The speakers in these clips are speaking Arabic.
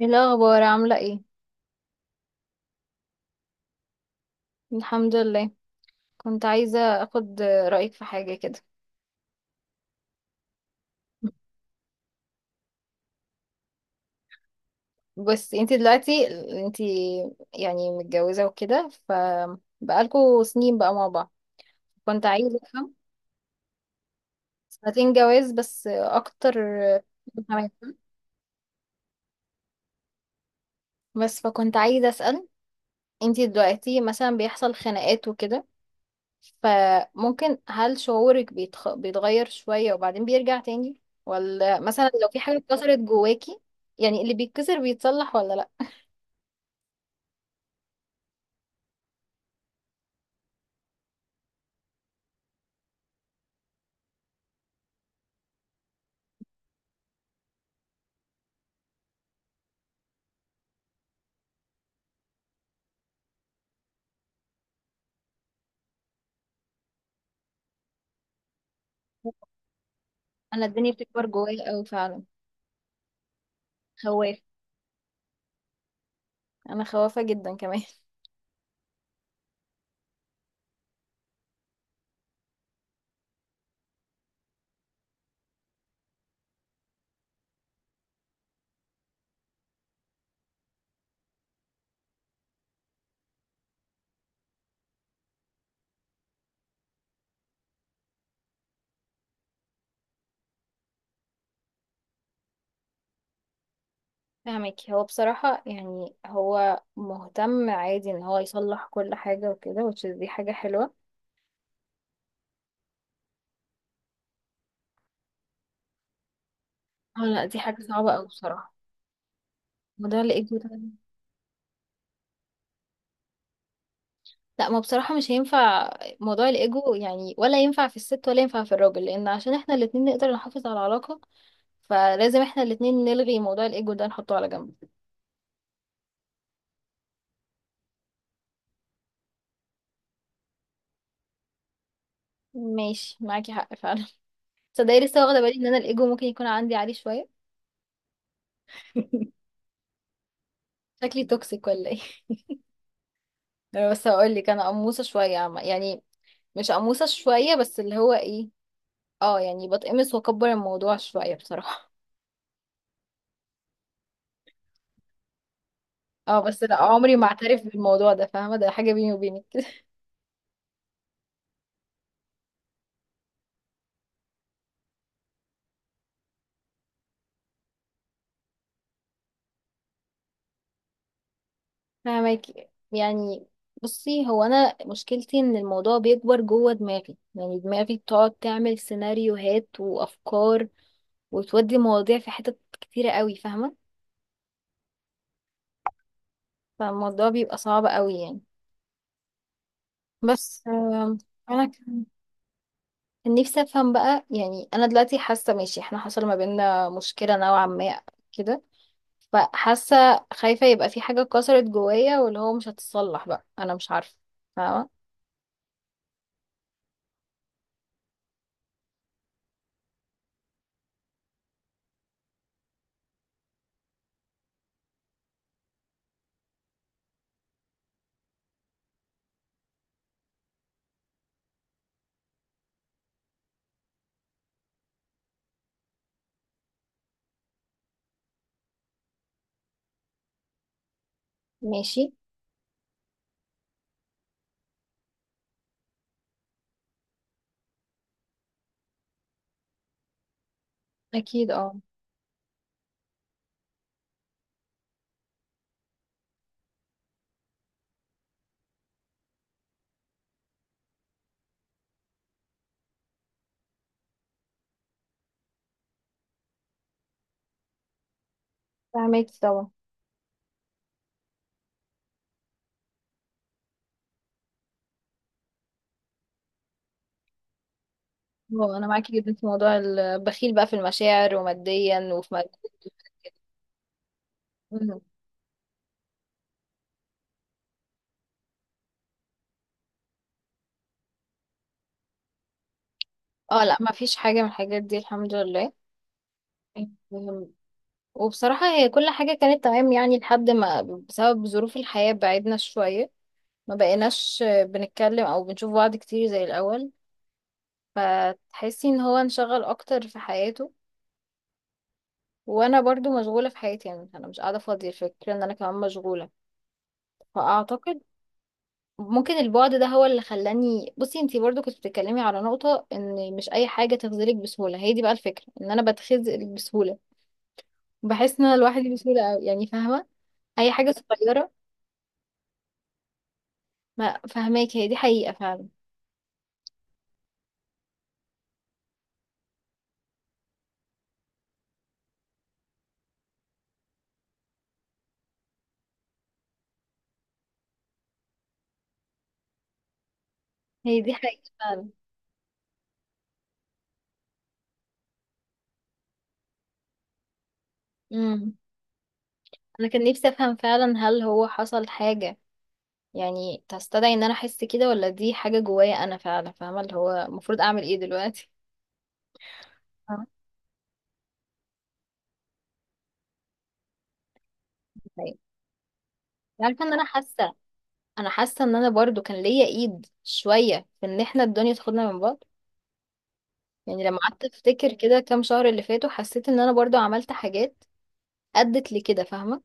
ايه الاخبار، عامله ايه؟ الحمد لله. كنت عايزه اخد رايك في حاجه كده. بس انتي دلوقتي انتي يعني متجوزه وكده، بقالكوا سنين بقى مع بعض. كنت عايزه افهم. سنتين جواز بس اكتر كمان. بس فكنت عايزه اسال، انتي دلوقتي مثلا بيحصل خناقات وكده، فممكن هل شعورك بيتغير شويه وبعدين بيرجع تاني؟ ولا مثلا لو في حاجه اتكسرت جواكي؟ يعني اللي بيتكسر بيتصلح ولا لا؟ انا الدنيا بتكبر جوايا قوي فعلا. خوافة. انا خوافة جدا كمان. فاهمك، هو بصراحة يعني هو مهتم عادي ان هو يصلح كل حاجة وكده which is دي حاجة حلوة. اه لا، دي حاجة صعبة قوي بصراحة. موضوع الايجو ده. لا، ما بصراحة مش هينفع. موضوع الايجو يعني ولا ينفع في الست ولا ينفع في الراجل، لان عشان احنا الاتنين نقدر نحافظ على العلاقة. فلازم احنا الاتنين نلغي موضوع الايجو ده، نحطه على جنب. ماشي، معاكي حق فعلا. تصدقي لسه واخدة بالي ان انا الايجو ممكن يكون عندي عالي شوية. شكلي توكسيك ولا ايه؟ بس هقول لك، انا قموصه شويه يعني، مش قموصه شويه بس اللي هو ايه. اه يعني بتقمص واكبر الموضوع شويه بصراحه. اه بس لا، عمري ما اعترف بالموضوع ده، فاهمه، ده حاجه بيني وبينك، كده. فاهمك، يعني بصي هو انا مشكلتي ان الموضوع بيكبر جوه دماغي، يعني دماغي بتقعد تعمل سيناريوهات وافكار، وتودي مواضيع في حتت كتيره قوي، فاهمه. فالموضوع بيبقى صعب قوي يعني. بس انا نفسي افهم بقى، يعني انا دلوقتي حاسه، ماشي، احنا حصل ما بيننا مشكله نوعا ما كده. فحاسه خايفه يبقى في حاجه اتكسرت جوايا واللي هو مش هتتصلح بقى، انا مش عارفه، فاهمه. ماشي. اكيد، اه. فاهمك طبعا. هو انا معاكي جدا في موضوع البخيل بقى، في المشاعر وماديا وفي ماديا. مم. اه لا، ما فيش حاجه من الحاجات دي، الحمد لله. مم. وبصراحه هي كل حاجه كانت تمام يعني، لحد ما بسبب ظروف الحياه بعدنا شويه، ما بقيناش بنتكلم او بنشوف بعض كتير زي الاول. فتحسي ان هو انشغل اكتر في حياته. وانا برضو مشغولة في حياتي، يعني انا مش قاعدة فاضية، الفكرة ان انا كمان مشغولة. فاعتقد ممكن البعد ده هو اللي خلاني. بصي، انتي برضو كنت بتتكلمي على نقطة ان مش اي حاجة تخذلك بسهولة، هي دي بقى الفكرة، ان انا بتخذل بسهولة. بحس ان انا لوحدي بسهولة أوي يعني، فاهمة. اي حاجة صغيرة. ما، فاهماك، هي دي حقيقة فعلا. هي دي حقيقة فعلا. امم انا كان نفسي افهم فعلا، هل هو حصل حاجة يعني تستدعي ان انا احس كده، ولا دي حاجة جوايا انا فعلا؟ فاهمة اللي هو المفروض اعمل ايه دلوقتي؟ آه. طيب. عارفة ان انا حاسة. انا حاسة ان انا برضو كان ليا ايد شوية في ان احنا الدنيا تاخدنا من بعض. يعني لما قعدت افتكر كده كام شهر اللي فاتوا، حسيت ان انا برضو عملت حاجات ادت لكده، فاهمة.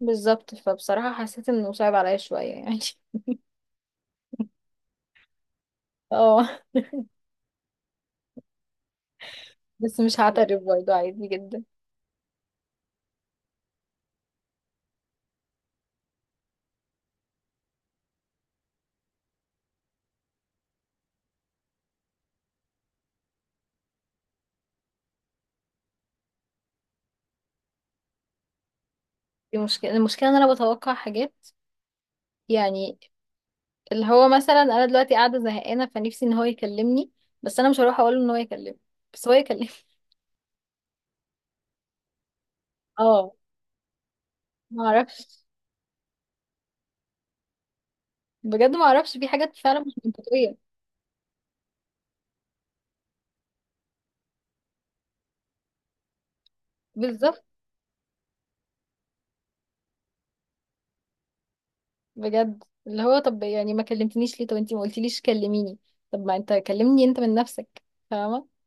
بالظبط، فبصراحة حسيت انه صعب عليا شوية يعني. اه بس مش هعترف، برضو عادي جدا. دي المشكلة ان انا بتوقع حاجات، يعني اللي هو مثلا انا دلوقتي قاعده زهقانه، فنفسي ان هو يكلمني. بس انا مش هروح اقول له ان هو يكلمني، بس هو يكلمني. اه، ما اعرفش. بجد ما اعرفش، في حاجات فعلا مش منطقيه. بالظبط. بجد اللي هو، طب يعني ما كلمتنيش ليه؟ طب انتي ما قلتيليش كلميني. طب ما انت كلمني انت من نفسك. فاهمه.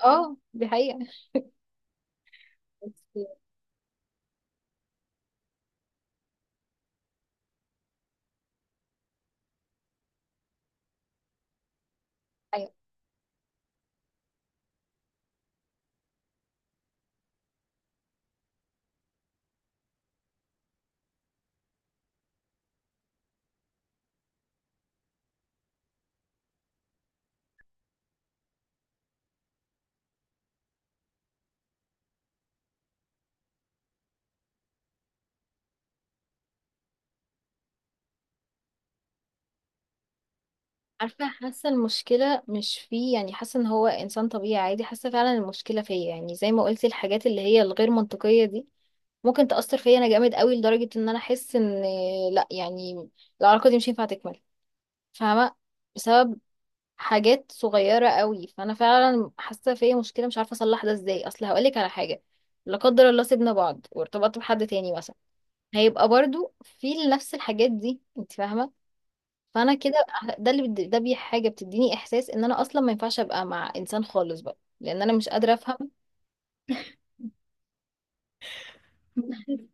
اه دي حقيقه. بس- أيوة. عارفه، حاسه المشكله مش فيه، يعني حاسه ان هو انسان طبيعي عادي، حاسه فعلا المشكله فيا، يعني زي ما قلتي الحاجات اللي هي الغير منطقيه دي ممكن تأثر فيا انا جامد قوي، لدرجة ان انا احس ان، لا يعني، العلاقة دي مش هينفع تكمل. فاهمة. بسبب حاجات صغيرة قوي، فانا فعلا حاسة فيا مشكلة، مش عارفة اصلح ده ازاي. اصل هقولك على حاجة، لا قدر الله سيبنا بعض وارتبطت بحد تاني مثلا، هيبقى برضو في نفس الحاجات دي، انت فاهمة. فانا كده، ده بي حاجة بتديني احساس ان انا اصلا ما ينفعش ابقى مع انسان خالص بقى، لان انا مش قادرة افهم.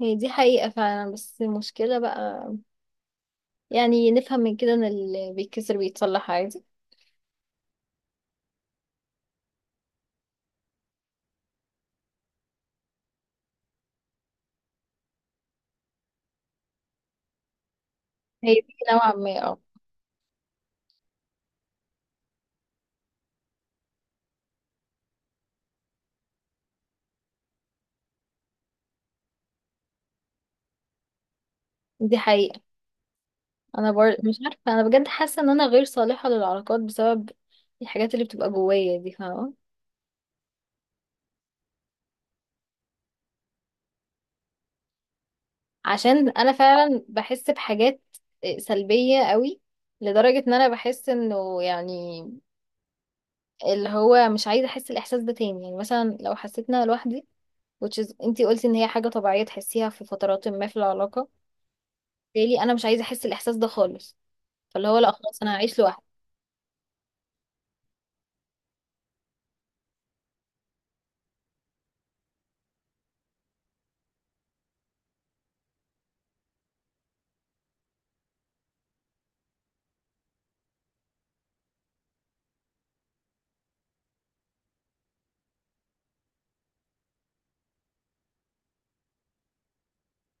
هي دي حقيقة فعلا، بس المشكلة بقى، يعني نفهم من كده ان اللي بيتكسر بيتصلح عادي؟ هي دي نوعا ما اه. دي حقيقة. مش عارفة، انا بجد حاسة ان انا غير صالحة للعلاقات بسبب الحاجات اللي بتبقى جوايا دي، فاهمة. عشان انا فعلا بحس بحاجات سلبية قوي، لدرجة ان انا بحس انه يعني، اللي هو مش عايزة احس الاحساس ده تاني. يعني مثلا لو حسيت ان انا لوحدي، which is انتي قلتي ان هي حاجة طبيعية تحسيها في فترات ما في العلاقة، بالتالي انا مش عايزة احس الاحساس ده خالص. فاللي هو لا، خلاص انا هعيش لوحدي.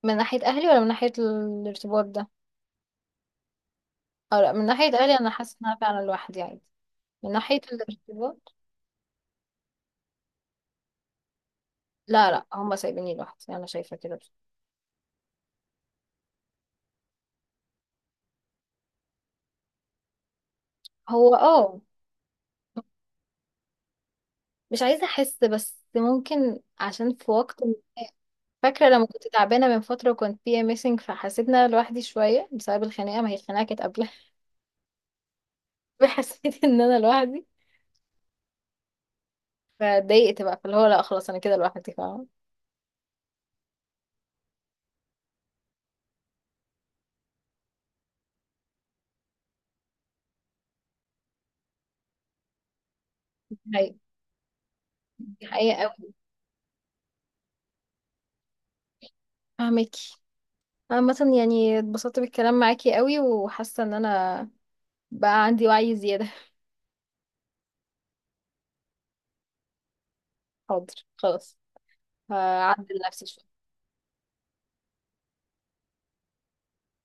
من ناحية أهلي ولا من ناحية الارتباط ده؟ أو لا، من ناحية أهلي أنا حاسة إن أنا فعلا لوحدي عادي. من ناحية الارتباط. لا، لا، هما سايبيني لوحدي، أنا شايفة كده بس. هو اه. مش عايزة أحس، بس ممكن عشان في وقت فاكرة لما كنت تعبانة من فترة وكنت فيها ميسنج، فحسيت إن أنا لوحدي شوية بسبب الخناقة، ما هي الخناقة كانت قبلها. فحسيت إن أنا لوحدي. فاتضايقت بقى، فاللي هو لا خلاص أنا كده لوحدي، فاهمة. دي حقيقة. دي حقيقة أوي. فاهمكي. عامة يعني اتبسطت بالكلام معاكي قوي، وحاسة إن أنا بقى عندي وعي زيادة. حاضر، خلاص. هعدل نفسي شوية.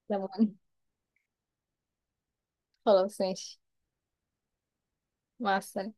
لما. خلاص ماشي. مع السلامة.